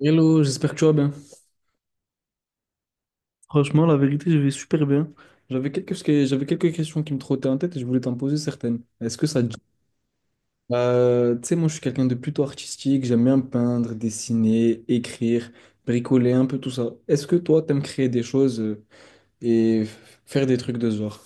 Hello, j'espère que tu vas bien. Franchement, la vérité, je vais super bien. J'avais quelques questions qui me trottaient en tête et je voulais t'en poser certaines. Est-ce que ça te dit? Tu sais, moi, je suis quelqu'un de plutôt artistique. J'aime bien peindre, dessiner, écrire, bricoler, un peu tout ça. Est-ce que toi, t'aimes créer des choses et faire des trucs de ce genre?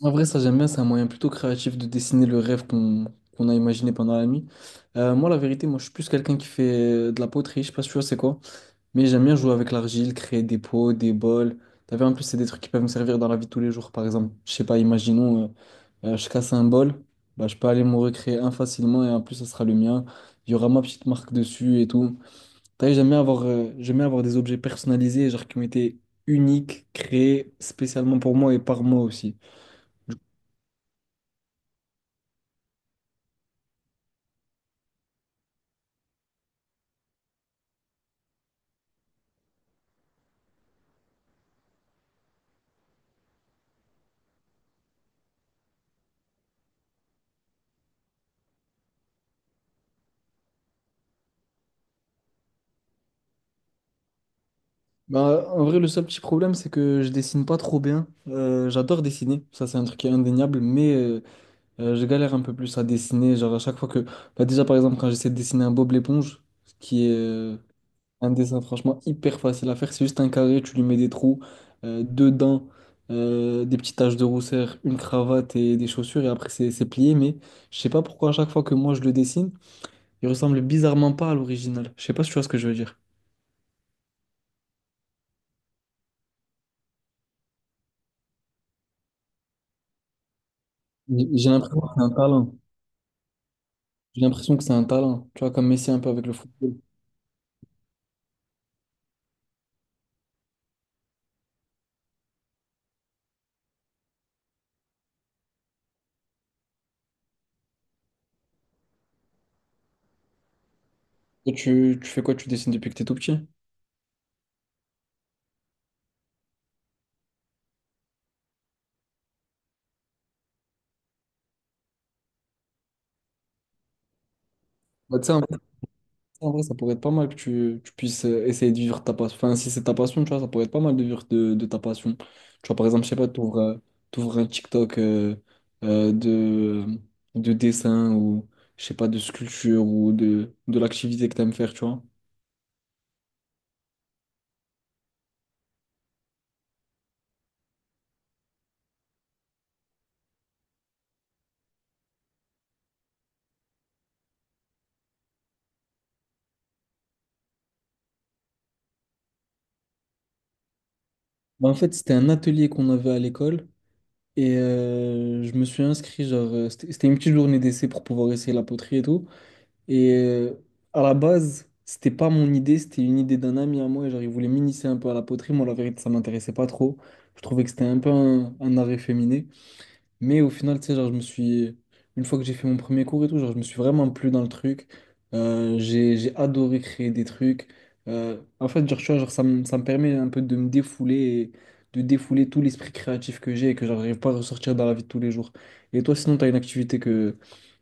En vrai, ça, j'aime bien. C'est un moyen plutôt créatif de dessiner le rêve qu'on a imaginé pendant la nuit. Moi, la vérité, moi, je suis plus quelqu'un qui fait de la poterie. Je sais pas si tu vois, c'est quoi? Mais j'aime bien jouer avec l'argile, créer des pots, des bols. T'as vu, en plus, c'est des trucs qui peuvent me servir dans la vie de tous les jours. Par exemple, je sais pas, imaginons, je casse un bol, bah, je peux aller m'en recréer un facilement et en plus, ça sera le mien. Il y aura ma petite marque dessus et tout. T'as vu, j'aime bien avoir des objets personnalisés, genre qui ont été uniques, créés spécialement pour moi et par moi aussi. Bah, en vrai, le seul petit problème, c'est que je dessine pas trop bien. J'adore dessiner, ça c'est un truc qui est indéniable, mais je galère un peu plus à dessiner, genre à chaque fois que... Bah déjà par exemple quand j'essaie de dessiner un Bob l'éponge, ce qui est un dessin franchement hyper facile à faire, c'est juste un carré, tu lui mets des trous, deux dents, des petites taches de rousseur, une cravate et des chaussures et après c'est plié, mais je sais pas pourquoi à chaque fois que moi je le dessine, il ressemble bizarrement pas à l'original. Je sais pas si tu vois ce que je veux dire. J'ai l'impression que c'est un talent. J'ai l'impression que c'est un talent, tu vois, comme Messi un peu avec le football. Et tu fais quoi? Tu dessines depuis que t'es tout petit? Bah, tu sais, en vrai, ça pourrait être pas mal que tu puisses essayer de vivre ta passion. Enfin, si c'est ta passion, tu vois, ça pourrait être pas mal de vivre de ta passion. Tu vois, par exemple, je sais pas, t'ouvres un TikTok euh, de, de dessin ou, je sais pas, de sculpture ou de l'activité que t'aimes faire, tu vois. Bah, en fait, c'était un atelier qu'on avait à l'école et je me suis inscrit, genre, c'était une petite journée d'essai pour pouvoir essayer la poterie et tout. Et à la base, c'était pas mon idée, c'était une idée d'un ami à moi. Genre, il voulait m'initier un peu à la poterie. Moi, la vérité, ça m'intéressait pas trop. Je trouvais que c'était un peu un art efféminé. Mais au final, tu sais, genre, je me suis. Une fois que j'ai fait mon premier cours et tout, genre, je me suis vraiment plu dans le truc. J'ai adoré créer des trucs. En fait, genre, tu vois, genre, ça me permet un peu de me défouler et de défouler tout l'esprit créatif que j'ai et que j'arrive pas à ressortir dans la vie de tous les jours. Et toi, sinon, tu as une activité que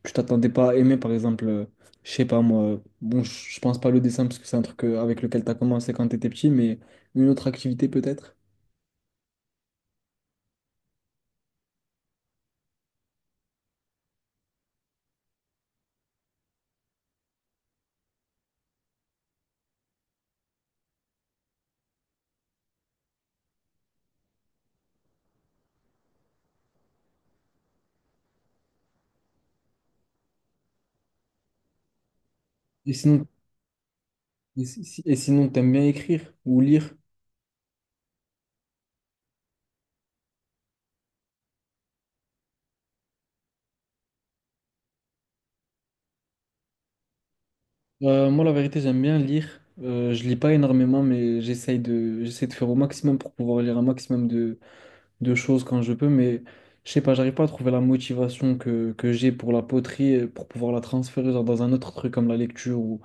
tu t'attendais pas à aimer, par exemple, je sais pas moi. Bon, je pense pas le dessin parce que c'est un truc avec lequel tu as commencé quand tu étais petit, mais une autre activité peut-être. Et sinon, et si- si, et sinon, t'aimes bien écrire ou lire? Moi, la vérité, j'aime bien lire. Je lis pas énormément, mais j'essaie de faire au maximum pour pouvoir lire un maximum de choses quand je peux. Mais je sais pas, j'arrive pas à trouver la motivation que j'ai pour la poterie, pour pouvoir la transférer genre, dans un autre truc comme la lecture ou,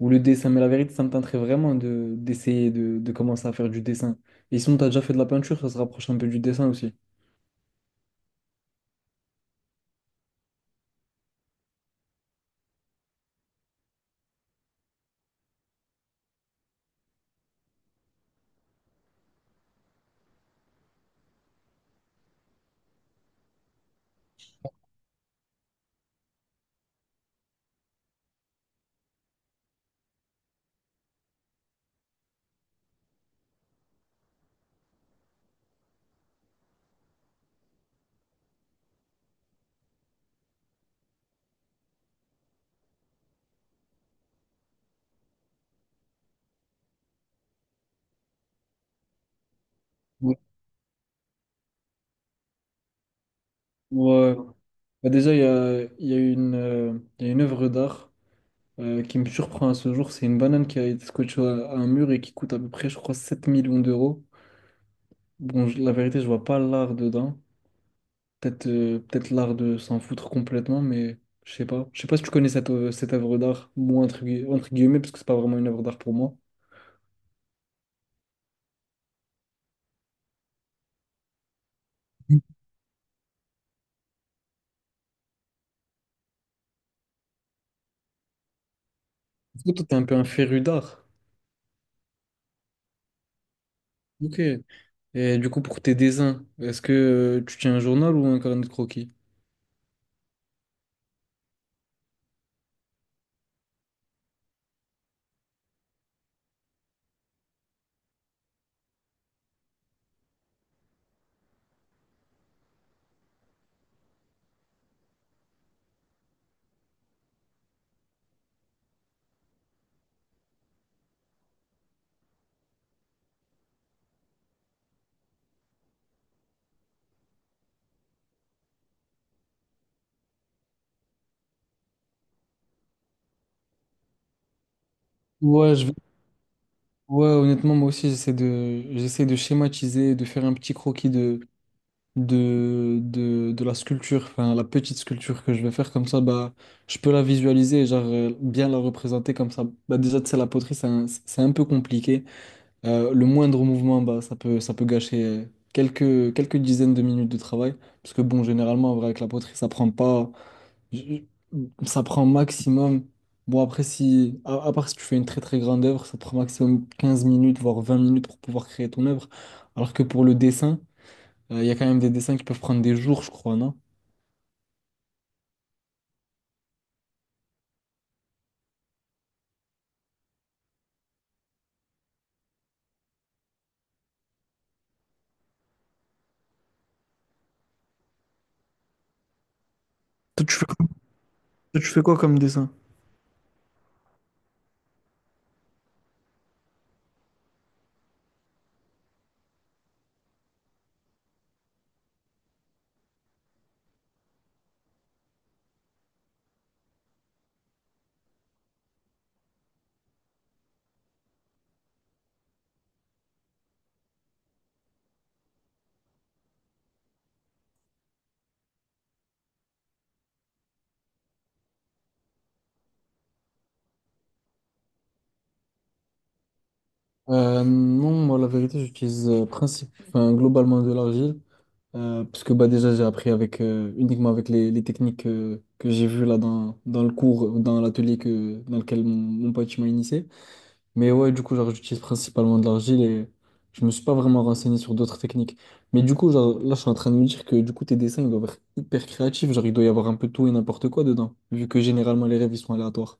ou le dessin. Mais la vérité, ça me tenterait vraiment d'essayer de commencer à faire du dessin. Et sinon, t'as déjà fait de la peinture, ça se rapproche un peu du dessin aussi. Ouais. Ouais. Bah, déjà, il y a une œuvre d'art qui me surprend à ce jour, c'est une banane qui a été scotchée à un mur et qui coûte à peu près, je crois, 7 millions d'euros. Bon, la vérité, je vois pas l'art dedans. Peut-être l'art de s'en foutre complètement, mais je sais pas. Je sais pas si tu connais cette œuvre d'art, moi, entre guillemets, parce que c'est pas vraiment une œuvre d'art pour moi. Du coup, toi, t'es un peu un féru d'art. OK. Et du coup, pour tes dessins, est-ce que tu tiens un journal ou un carnet de croquis? Ouais, ouais, honnêtement, moi aussi, j'essaie de schématiser, de, faire un petit croquis de la sculpture, enfin la petite sculpture que je vais faire comme ça, bah, je peux la visualiser et genre bien la représenter comme ça. Bah, déjà, tu sais, la poterie, c'est un peu compliqué. Le moindre mouvement, bah, ça peut gâcher quelques dizaines de minutes de travail. Parce que bon, généralement, en vrai, avec la poterie, ça prend pas, ça prend maximum. Bon, après, si, à part si tu fais une très très grande œuvre, ça te prend maximum 15 minutes, voire 20 minutes pour pouvoir créer ton œuvre. Alors que pour le dessin, il y a quand même des dessins qui peuvent prendre des jours, je crois, non? Toi, tu fais quoi, toi, tu fais quoi comme dessin? Non, moi, la vérité, j'utilise enfin, globalement de l'argile. Parce que bah, déjà, j'ai appris uniquement avec les techniques que j'ai vues là dans le cours, dans l'atelier dans lequel mon pote il m'a initié. Mais ouais, du coup, genre, j'utilise principalement de l'argile et je me suis pas vraiment renseigné sur d'autres techniques. Mais du coup, genre, là, je suis en train de me dire que du coup, tes dessins, ils doivent être hyper créatifs. Genre, il doit y avoir un peu tout et n'importe quoi dedans, vu que généralement, les rêves, ils sont aléatoires.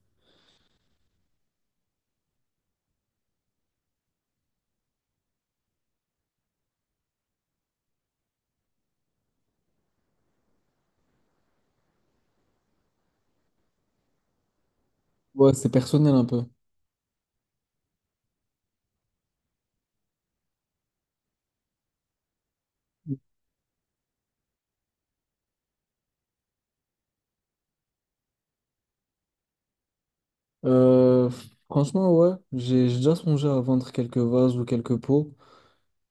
Ouais, c'est personnel un peu. Euh, Franchement, ouais, j'ai déjà songé à vendre quelques vases ou quelques pots,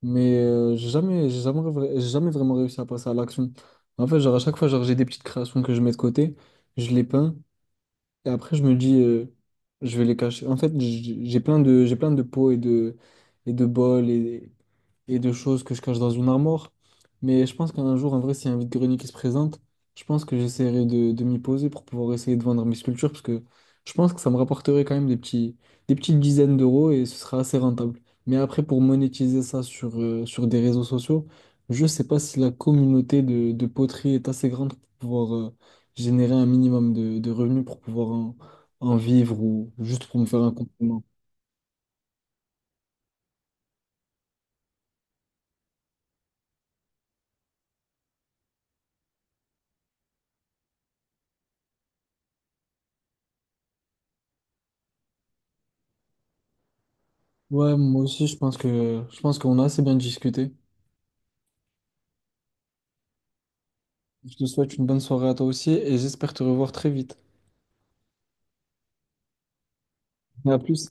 mais j'ai jamais vraiment réussi à passer à l'action. En fait, genre, à chaque fois, genre, j'ai des petites créations que je mets de côté, je les peins. Et après, je me dis, je vais les cacher. En fait, j'ai plein de pots et de bols et de choses que je cache dans une armoire. Mais je pense qu'un jour, en vrai, s'il y a un vide-grenier qui se présente, je pense que j'essaierai de m'y poser pour pouvoir essayer de vendre mes sculptures parce que je pense que ça me rapporterait quand même des petites dizaines d'euros et ce sera assez rentable. Mais après, pour monétiser ça sur des réseaux sociaux, je sais pas si la communauté de poterie est assez grande pour pouvoir, générer un minimum de revenus pour pouvoir en vivre ou juste pour me faire un complément. Ouais, moi aussi, je pense qu'on a assez bien discuté. Je te souhaite une bonne soirée à toi aussi et j'espère te revoir très vite. À plus.